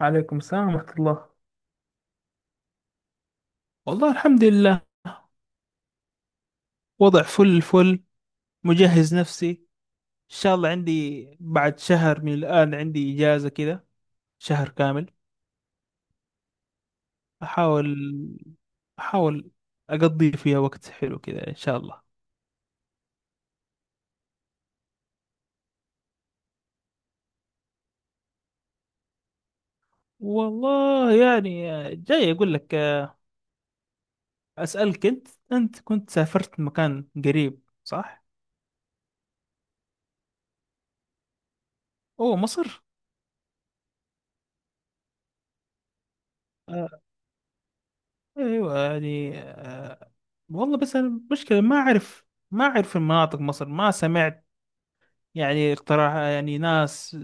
عليكم السلام ورحمة الله. والله، الحمد لله. وضع فل فل. مجهز نفسي، إن شاء الله عندي بعد شهر من الآن، عندي إجازة كذا، شهر كامل. أحاول أحاول أقضي فيها وقت حلو كذا، إن شاء الله. والله يعني، جاي أقول لك، أسألك. أنت كنت سافرت مكان قريب، صح؟ أوه، مصر. آه، أيوة، يعني والله، بس أنا مشكلة، ما أعرف المناطق مصر، ما سمعت يعني اقتراح، يعني ناس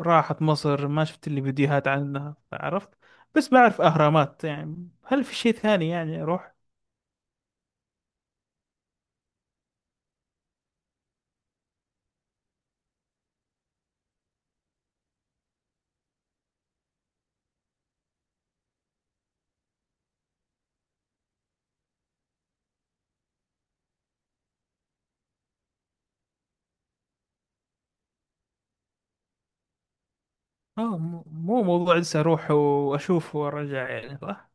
راحت مصر، ما شفت اللي فيديوهات عنها، عرفت؟ بس بعرف أهرامات، يعني هل في شيء ثاني يعني أروح؟ مو موضوع لسه أروح وأشوف وأرجع، يعني صح.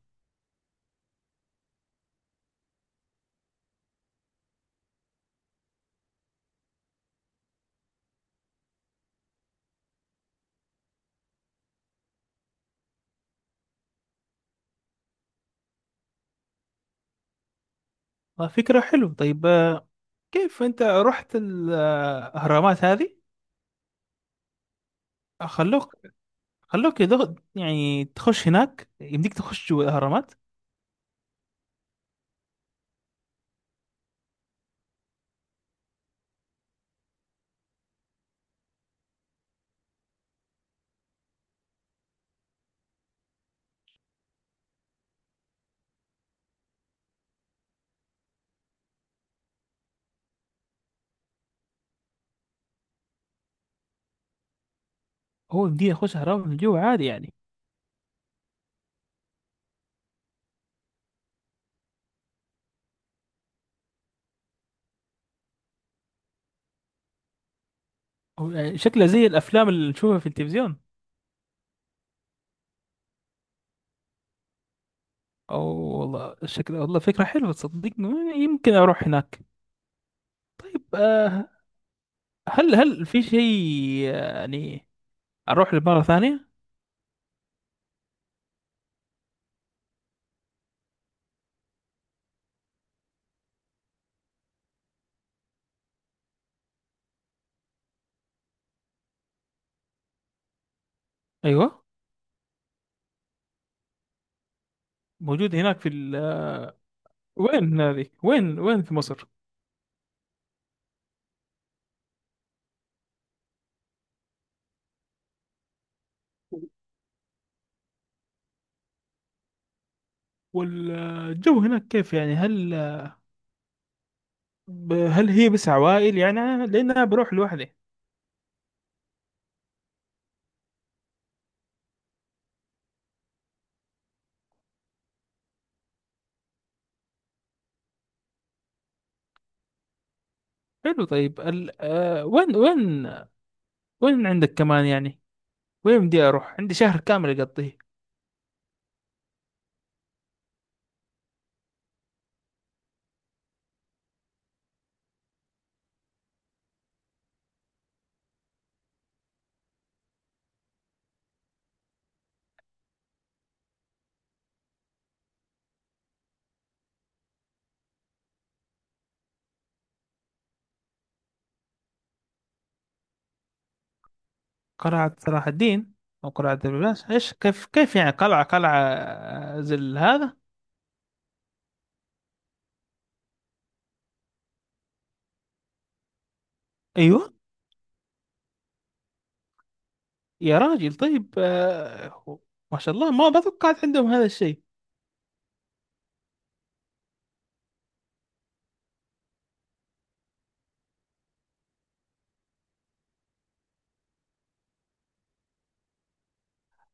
فكرة حلوة. طيب، كيف أنت رحت الأهرامات هذه؟ خلوك خلوك يعني تخش هناك؟ يمديك تخش جوا الأهرامات؟ هو يمديك يخش أهرامات من جوا عادي يعني؟ هو يعني شكله زي الأفلام اللي نشوفها في التلفزيون؟ اه، والله الشكل، والله فكرة حلوة، تصدقني؟ يمكن اروح هناك. طيب، هل في شيء، يعني اروح لمرة ثانية؟ ايوه، موجود هناك وين هذه، وين في مصر؟ والجو هناك كيف، يعني هل هل هي بس عوائل؟ يعني لان انا بروح لوحدي. حلو، طيب وين عندك كمان يعني؟ وين بدي اروح؟ عندي شهر كامل اقضيه. قلعة صلاح الدين أو قلعة ببلاش، إيش؟ كيف يعني قلعة زي هذا؟ أيوه، يا راجل. طيب، ما شاء الله، ما بتوقعت عندهم هذا الشيء.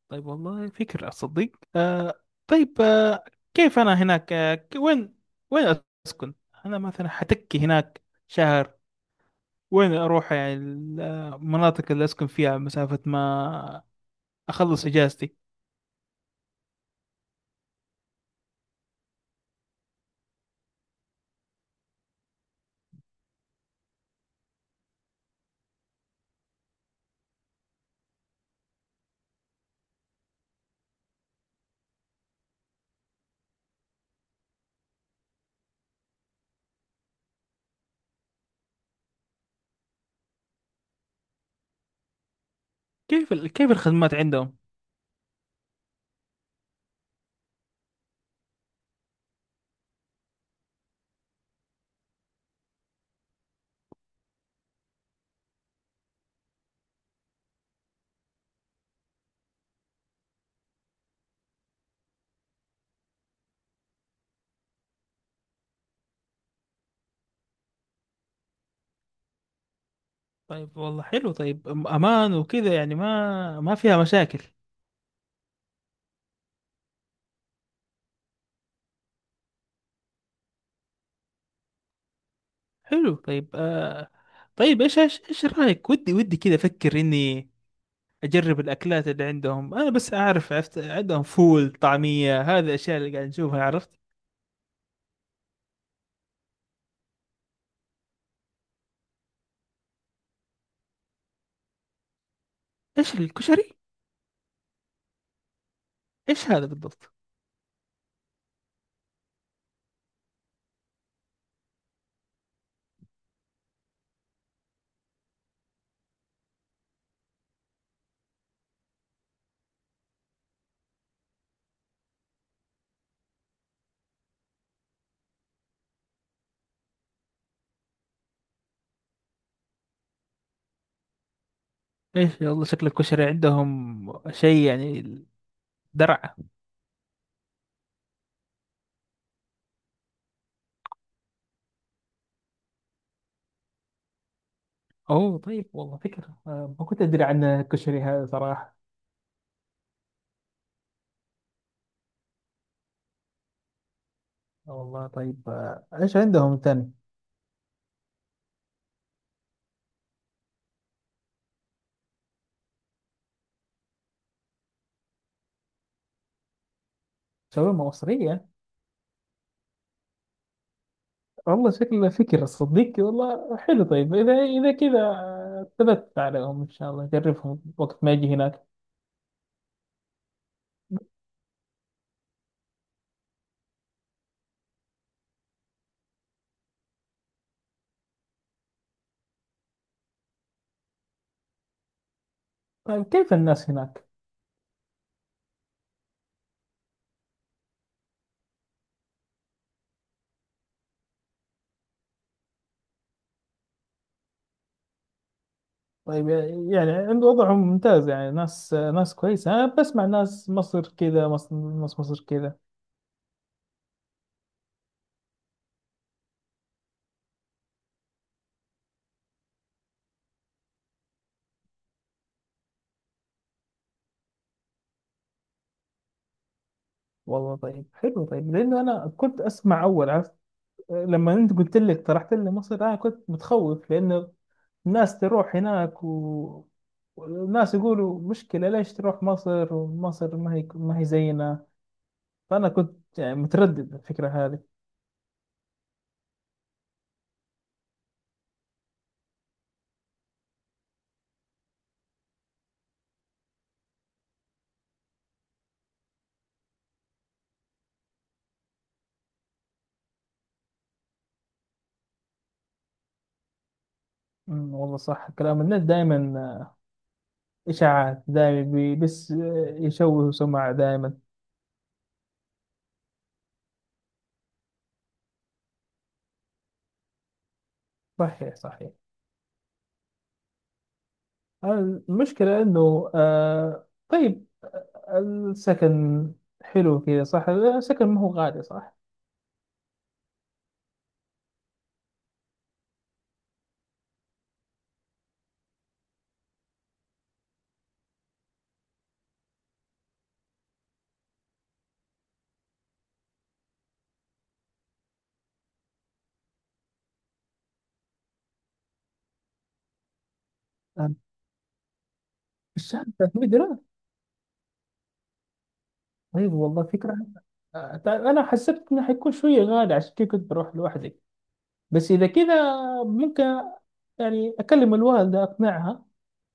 طيب، والله فكر أصدق. آه طيب، كيف أنا هناك، وين، وين أسكن؟ أنا مثلا حتكي هناك شهر، وين أروح يعني المناطق اللي أسكن فيها مسافة، ما أخلص إجازتي؟ كيف كيف الخدمات عندهم؟ طيب، والله حلو. طيب امان وكده يعني؟ ما فيها مشاكل؟ حلو. طيب طيب، ايش رايك؟ ودي كده افكر اني اجرب الاكلات اللي عندهم. انا بس اعرف، عرفت عندهم فول، طعميه، هذه الاشياء اللي قاعد نشوفها، عرفت؟ ايش الكشري؟ ايش هذا بالضبط؟ ايش، والله شكل الكشري عندهم شيء يعني درعه. اوه، طيب والله فكره. ما كنت ادري عن الكشري هذا صراحه. والله طيب. ايش عندهم ثاني؟ شاورما مصريه؟ والله شكله فكرة صديقي، والله حلو. طيب إذا كذا ثبت عليهم إن شاء الله أجربهم وقت ما أجي هناك. طيب كيف الناس هناك؟ طيب يعني عند وضعهم ممتاز، يعني ناس كويسة. أنا بسمع ناس مصر كذا، مصر، ناس مصر كذا. والله طيب حلو. طيب لأنه أنا كنت أسمع أول، عرفت، لما أنت قلت لي، اقترحت لي مصر، أنا كنت متخوف، لأنه الناس تروح هناك والناس يقولوا مشكلة، ليش تروح مصر؟ ومصر ما هي زينا. فأنا كنت يعني متردد على الفكرة هذه. والله صح، كلام الناس دائما إشاعات. دائما بس يشوهوا سمعة دائما. صحيح، صحيح. المشكلة إنه، طيب، السكن حلو كذا صح؟ السكن ما هو غالي صح؟ آه، الشهر 300 دولار؟ طيب والله فكرة. أنا حسبت إنه حيكون شوية غالي، عشان كذا كنت بروح لوحدي. بس إذا كذا ممكن يعني أكلم الوالدة، أقنعها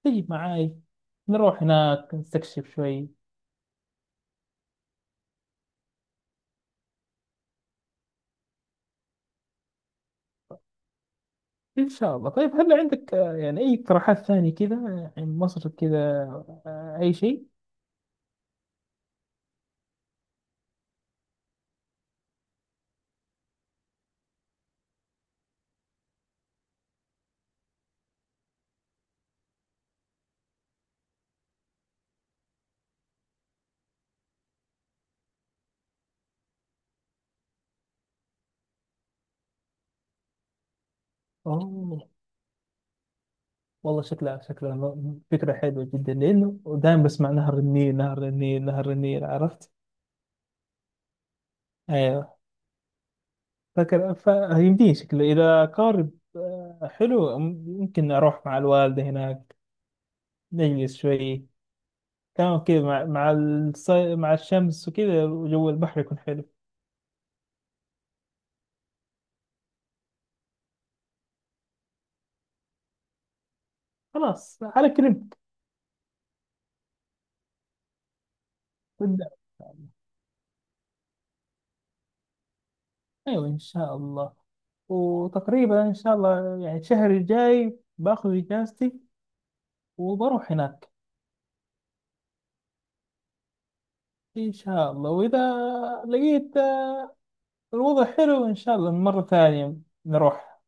تجي معاي، نروح هناك نستكشف شوي. إن شاء الله. طيب هل عندك يعني أي اقتراحات ثانية كذا، يعني مصر كذا، أي شيء؟ أوه، والله شكلها، فكرة حلوة جدا، لأنه دائما بسمع نهر النيل، نهر النيل، نهر النيل، عرفت؟ أيوه. فكر، فيمديني شكله إذا قارب. حلو، ممكن أروح مع الوالدة هناك، نجلس شوي كمان كذا، مع مع الشمس وكذا، وجو البحر يكون حلو. خلاص، على كلمة. بالدعم إن شاء الله. أيوة إن شاء الله. وتقريبا إن شاء الله يعني الشهر الجاي باخذ إجازتي وبروح هناك. إن شاء الله، وإذا لقيت الوضع حلو إن شاء الله مرة ثانية نروح.